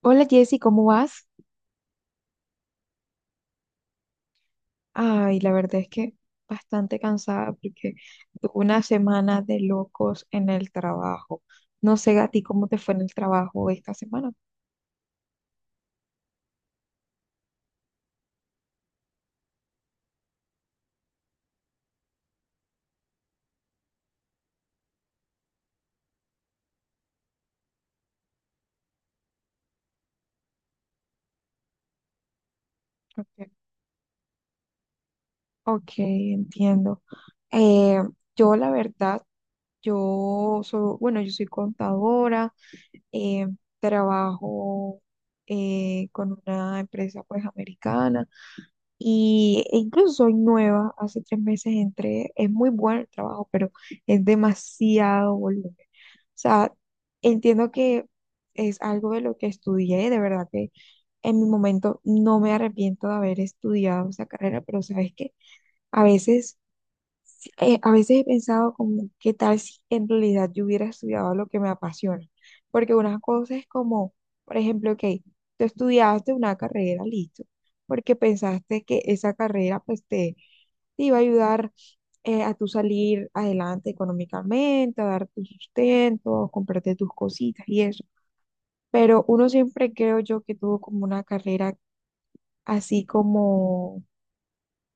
Hola Jessy, ¿cómo vas? Ay, la verdad es que bastante cansada porque tuve una semana de locos en el trabajo. No sé a ti cómo te fue en el trabajo esta semana. Ok, ok, entiendo. Eh, yo la verdad, yo soy, bueno, yo soy contadora, eh, trabajo con una empresa pues americana. Y incluso soy nueva, hace 3 meses entré, es muy bueno el trabajo, pero es demasiado volumen. O sea, entiendo que es algo de lo que estudié, de verdad que en mi momento no me arrepiento de haber estudiado esa carrera, pero sabes que a veces a veces he pensado como, ¿qué tal si en realidad yo hubiera estudiado lo que me apasiona? Porque una cosa es como, por ejemplo, ok, tú estudiaste una carrera, listo, porque pensaste que esa carrera pues te iba a ayudar a tú salir adelante económicamente, a dar tu sustento, a comprarte tus cositas y eso. Pero uno siempre creo yo que tuvo como una carrera así como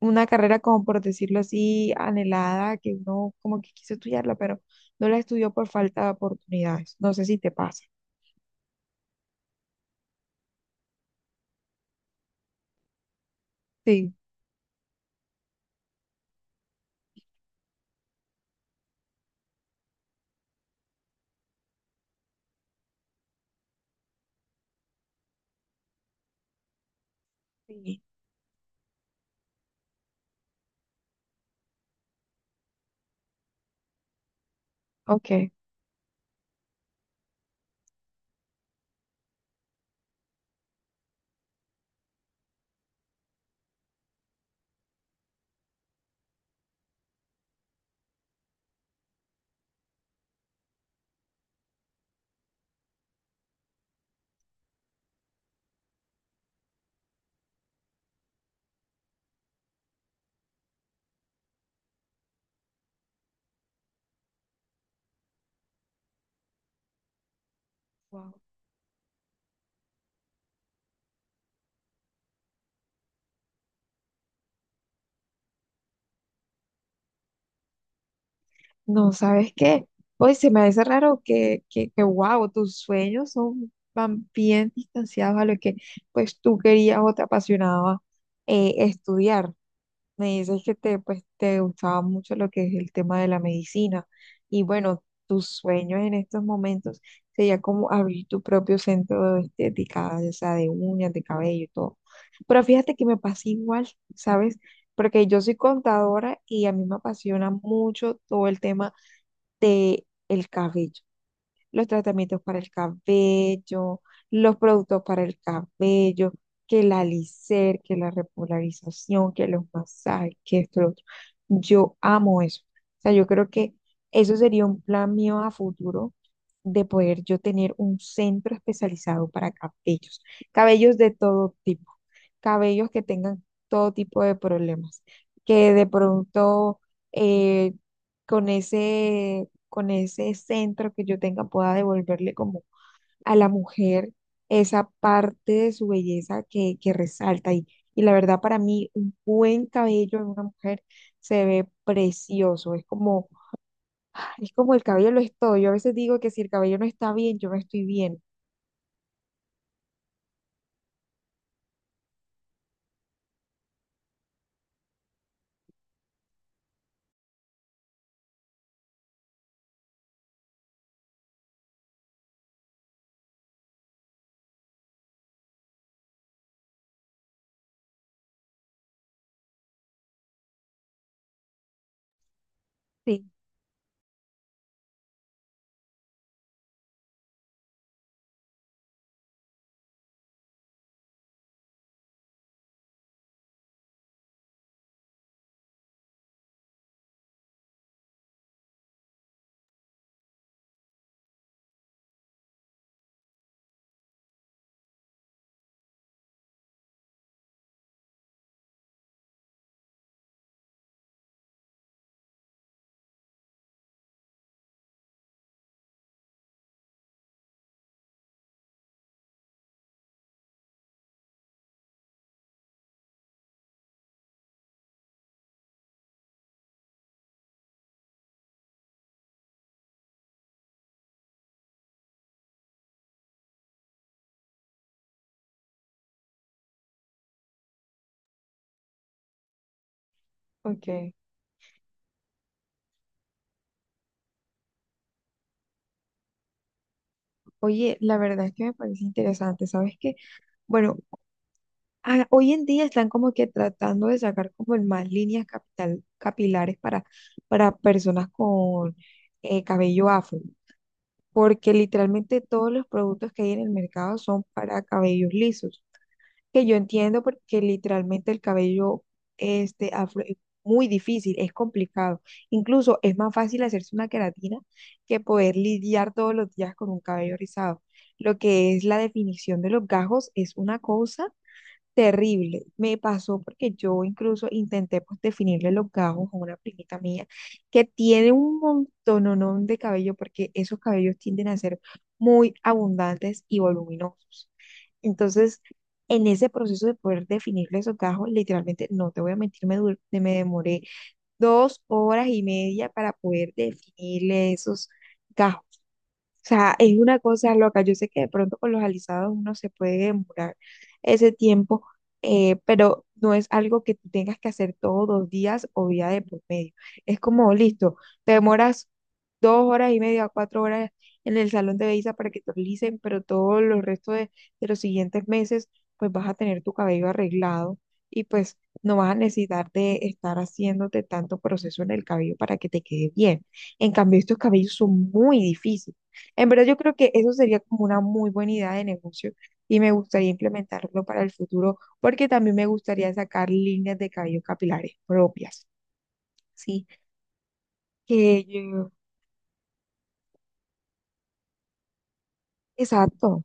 una carrera como por decirlo así, anhelada, que uno como que quiso estudiarla, pero no la estudió por falta de oportunidades. No sé si te pasa. Sí, sí. Ok. Wow. No, ¿sabes qué? Hoy se me hace raro que, wow, tus sueños son van bien distanciados a lo que pues tú querías o te apasionaba estudiar. Me dices que pues, te gustaba mucho lo que es el tema de la medicina y bueno, tus sueños en estos momentos sería como abrir tu propio centro de estética, o sea, de uñas, de cabello y todo. Pero fíjate que me pasa igual, ¿sabes? Porque yo soy contadora y a mí me apasiona mucho todo el tema del cabello, los tratamientos para el cabello, los productos para el cabello, que la alicer, que la repolarización, que los masajes, que esto, lo otro. Yo amo eso. O sea, yo creo que eso sería un plan mío a futuro, de poder yo tener un centro especializado para cabellos, cabellos de todo tipo, cabellos que tengan todo tipo de problemas, que de pronto eh, con ese con ese centro que yo tenga, pueda devolverle como a la mujer esa parte de su belleza que resalta. Y la verdad, para mí, un buen cabello en una mujer se ve precioso. Es como el cabello lo es todo. Yo a veces digo que si el cabello no está bien, yo no estoy bien. Sí. Ok. Oye, la verdad es que me parece interesante, ¿sabes qué? Bueno, hoy en día están como que tratando de sacar como en más líneas capital, capilares para personas con cabello afro, porque literalmente todos los productos que hay en el mercado son para cabellos lisos, que yo entiendo porque literalmente el cabello este afro es muy difícil, es complicado. Incluso es más fácil hacerse una queratina que poder lidiar todos los días con un cabello rizado. Lo que es la definición de los gajos es una cosa terrible. Me pasó porque yo incluso intenté pues definirle los gajos a una primita mía que tiene un montononón de cabello porque esos cabellos tienden a ser muy abundantes y voluminosos. Entonces, en ese proceso de poder definirle esos gajos, literalmente, no te voy a mentir, me demoré 2 horas y media para poder definirle esos gajos, sea, es una cosa loca. Yo sé que de pronto con los alisados uno se puede demorar ese tiempo, pero no es algo que tú tengas que hacer todos los días o día de por medio. Es como, listo, te demoras 2 horas y media, 4 horas en el salón de belleza para que te alisen, pero todos los restos de los siguientes meses, pues vas a tener tu cabello arreglado y pues no vas a necesitar de estar haciéndote tanto proceso en el cabello para que te quede bien. En cambio, estos cabellos son muy difíciles. En verdad yo creo que eso sería como una muy buena idea de negocio y me gustaría implementarlo para el futuro, porque también me gustaría sacar líneas de cabello capilares propias, ¿sí? Que yo... Exacto.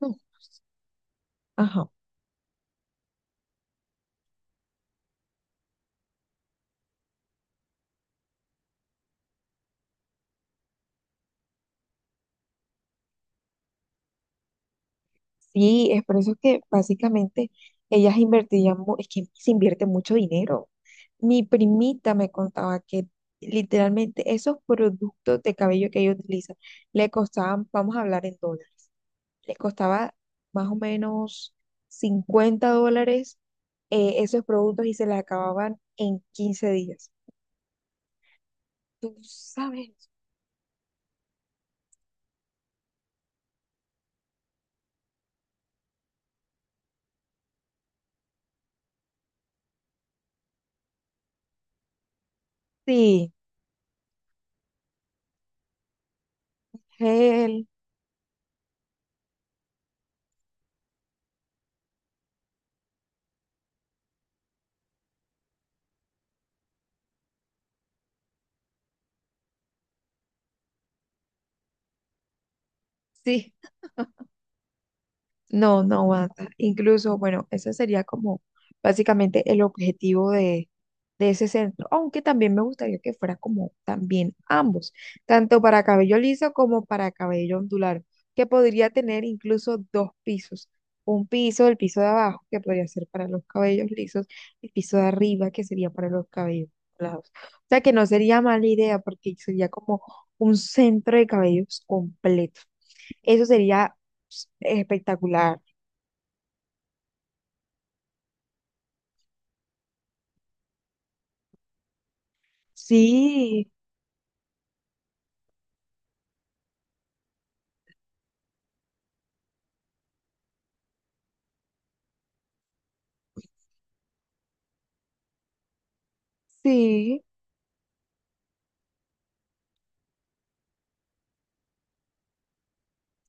No. Ajá. Sí, es por eso que básicamente ellas invertirían, es que se invierte mucho dinero. Mi primita me contaba que literalmente esos productos de cabello que ella utiliza le costaban, vamos a hablar en dólares. Le costaba más o menos $50 esos productos y se les acababan en 15 días. Tú sabes. Sí, gel, sí. No, no aguanta. Incluso, bueno, ese sería como básicamente el objetivo de ese centro, aunque también me gustaría que fuera como también ambos, tanto para cabello liso como para cabello ondulado, que podría tener incluso dos pisos. Un piso, el piso de abajo, que podría ser para los cabellos lisos, el piso de arriba, que sería para los cabellos ondulados. O sea que no sería mala idea porque sería como un centro de cabellos completo. Eso sería pues, espectacular. Sí, sí,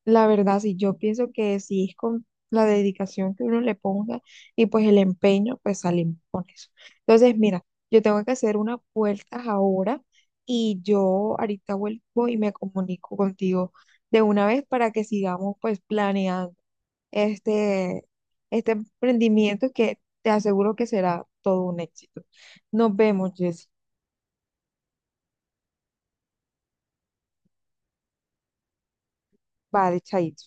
la verdad, sí, yo pienso que sí es con la dedicación que uno le ponga y pues el empeño, pues salimos con eso. Entonces, mira, yo tengo que hacer unas vueltas ahora y yo ahorita vuelvo y me comunico contigo de una vez para que sigamos pues planeando este, este emprendimiento que te aseguro que será todo un éxito. Nos vemos, Jessy. Vale, chaito.